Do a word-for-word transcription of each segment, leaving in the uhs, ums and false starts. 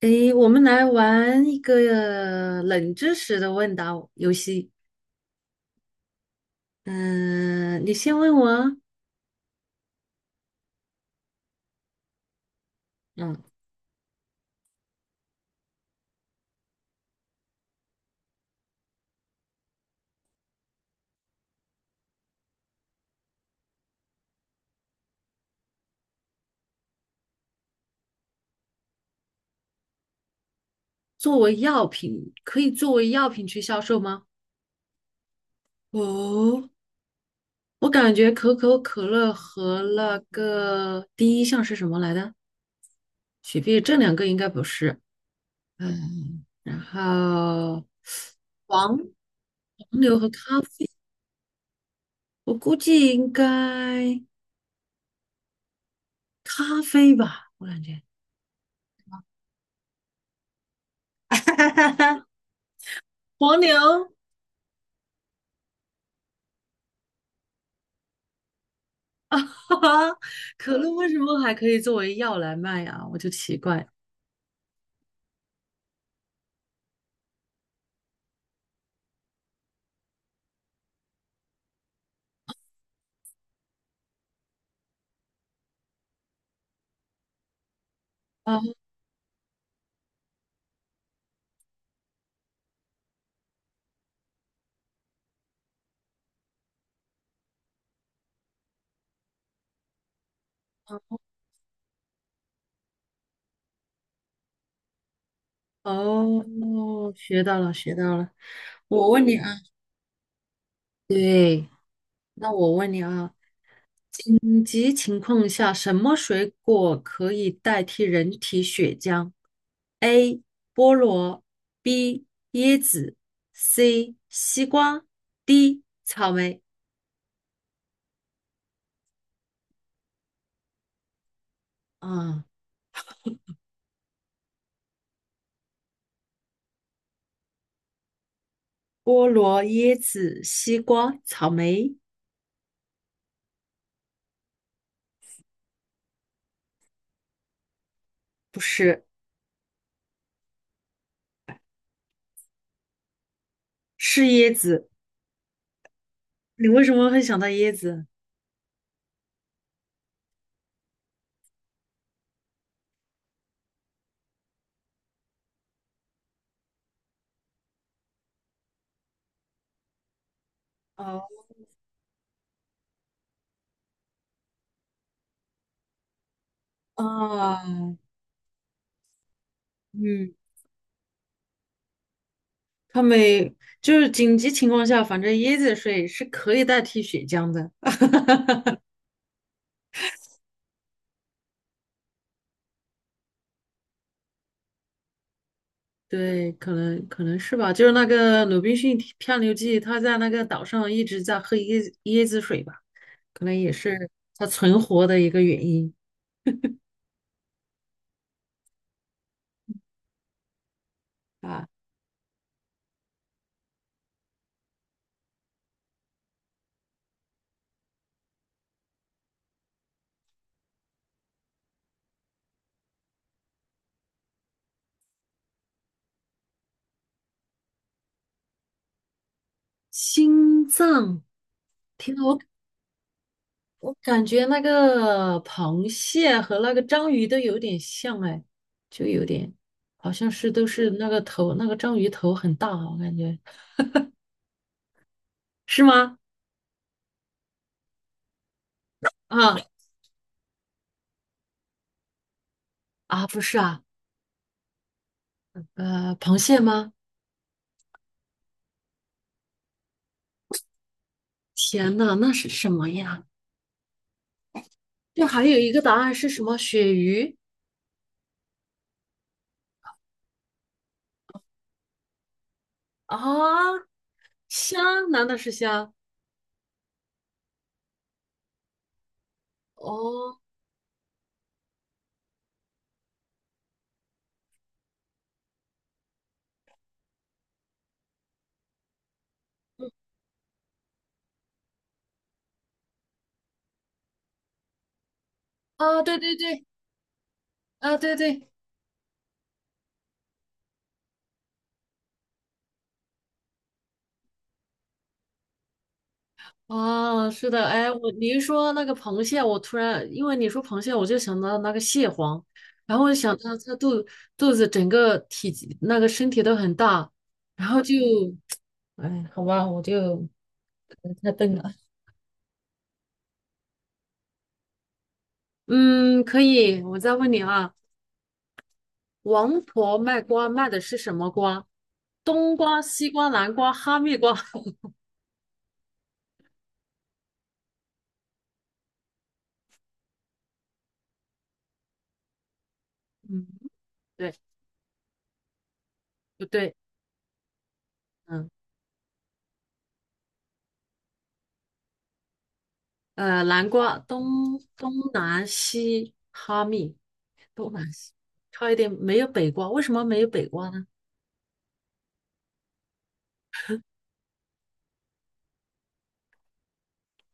诶，我们来玩一个冷知识的问答游戏。嗯、你先问我啊。嗯，作为药品，可以作为药品去销售吗？哦，我感觉可口可乐和那个第一项是什么来的？雪碧，这两个应该不是。嗯，然后黄黄牛和咖啡，我估计应该咖啡吧，我感觉。哈哈哈！黄牛。哈，可乐为什么还可以作为药来卖啊？我就奇怪。哦哦，学到了，学到了。我问你啊，对，那我问你啊，紧急情况下，什么水果可以代替人体血浆？A. 菠萝，B. 椰子，C. 西瓜，D. 草莓。啊、菠萝、椰子、西瓜、草莓，不是，是椰子。你为什么会想到椰子？哦啊，嗯，他们就是紧急情况下，反正椰子水是可以代替血浆的。对，可能可能是吧。就是那个鲁滨逊漂流记，他在那个岛上一直在喝椰椰子水吧，可能也是他存活的一个原因啊。心脏。听。我感觉那个螃蟹和那个章鱼都有点像哎，就有点，好像是都是那个头，那个章鱼头很大啊，我感觉是吗？啊啊，不是啊，呃，螃蟹吗？天呐，那是什么呀？这还有一个答案是什么？鳕鱼啊，虾？难道是虾？哦啊，对对对啊，对对，啊，是的，哎，我你一说那个螃蟹，我突然因为你说螃蟹，我就想到那个蟹黄，然后我就想到它肚肚子整个体积那个身体都很大，然后就，哎，好吧，我就可能太笨了。嗯，可以，我再问你啊，王婆卖瓜卖的是什么瓜？冬瓜、西瓜、南瓜、哈密瓜？嗯，对，不对？嗯。呃，南瓜东东南西哈密，东南西差一点没有北瓜，为什么没有北瓜呢？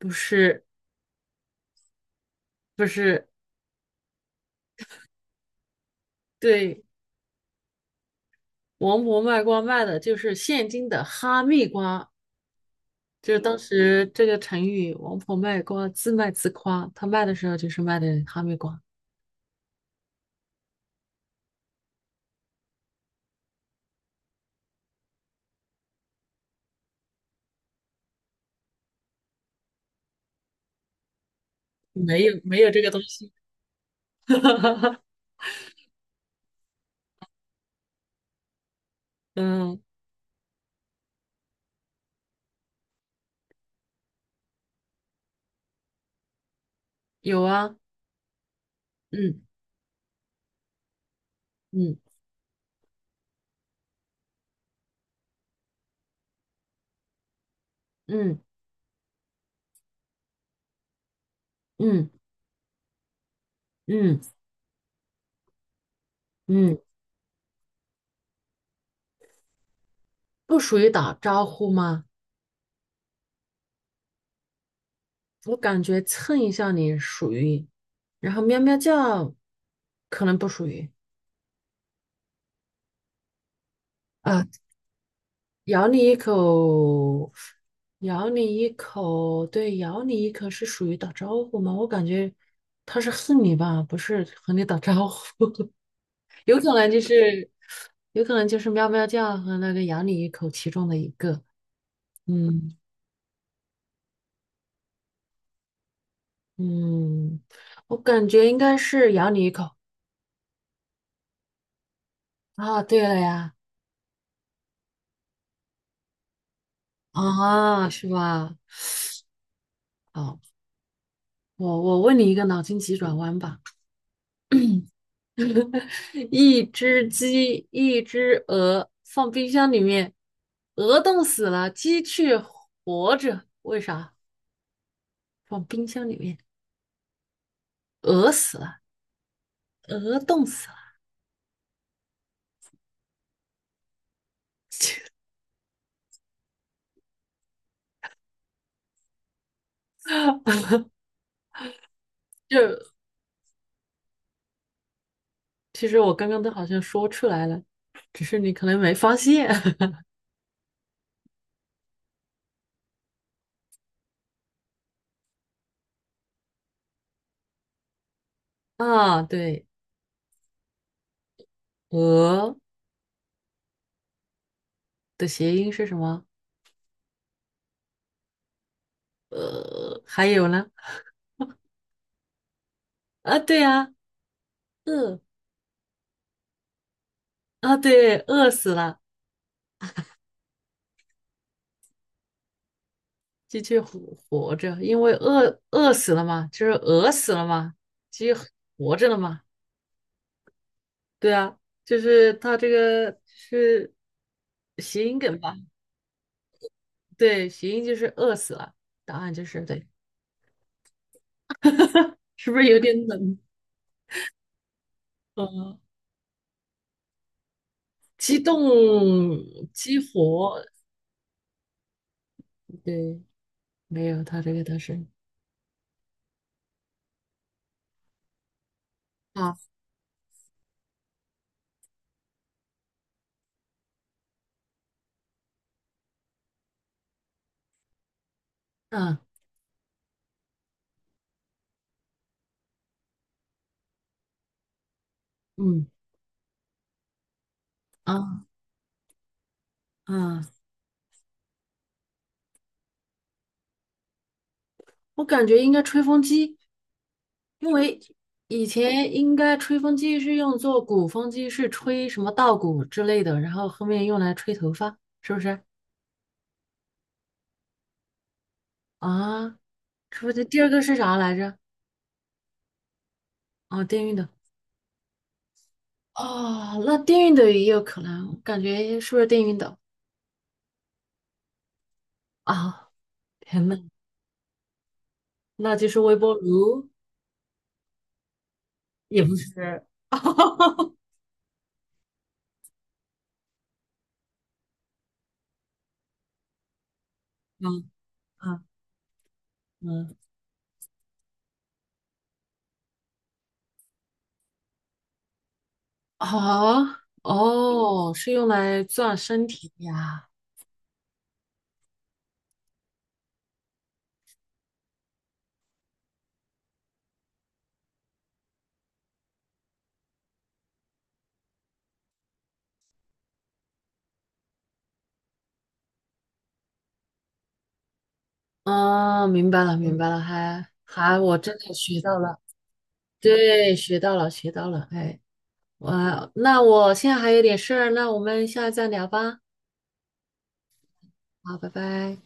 不是不是，对，王婆卖瓜卖的就是现今的哈密瓜，就是当时这个成语“王婆卖瓜，自卖自夸”，她卖的时候就是卖的哈密瓜，没有没有这个东西。嗯，有啊，嗯嗯嗯嗯嗯嗯，不属于打招呼吗？我感觉蹭一下你属于，然后喵喵叫可能不属于啊，咬你一口，咬你一口，对，咬你一口是属于打招呼吗？我感觉他是恨你吧，不是和你打招呼，有可能就是，有可能就是喵喵叫和那个咬你一口其中的一个，嗯嗯，我感觉应该是咬你一口啊，对了呀，啊，是吧？啊。我我问你一个脑筋急转弯吧，一只鸡，一只鹅，放冰箱里面，鹅冻死了，鸡却活着，为啥？放冰箱里面，鹅死了，鹅冻死了。就其实我刚刚都好像说出来了，只是你可能没发现。 啊。对，鹅的谐音是什么？呃，还有呢？啊，对啊，饿啊，对，饿死了。鸡去活活着，因为饿饿死了嘛，就是饿死了嘛，鸡活着了嘛，对啊，就是它这个是谐音梗吧？对，谐音就是饿死了，答案就是对，是不是有点冷？呃，激动激活，对，没有，它这个它是啊，嗯嗯啊啊。我感觉应该吹风机，因为以前应该吹风机是用作鼓风机，是吹什么稻谷之类的，然后后面用来吹头发，是不是？啊，吹不是？第二个是啥来着？哦，电熨斗。哦，那电熨斗也有可能，我感觉是不是电熨斗啊？天呐，那就是微波炉，也不是。嗯嗯嗯，哦哦，是用来钻身体呀。哦，明白了，明嗯白了，还还，我真的学到了，对，学到了，学到了，哎，我那我现在还有点事儿，那我们下次再聊吧，好，拜拜。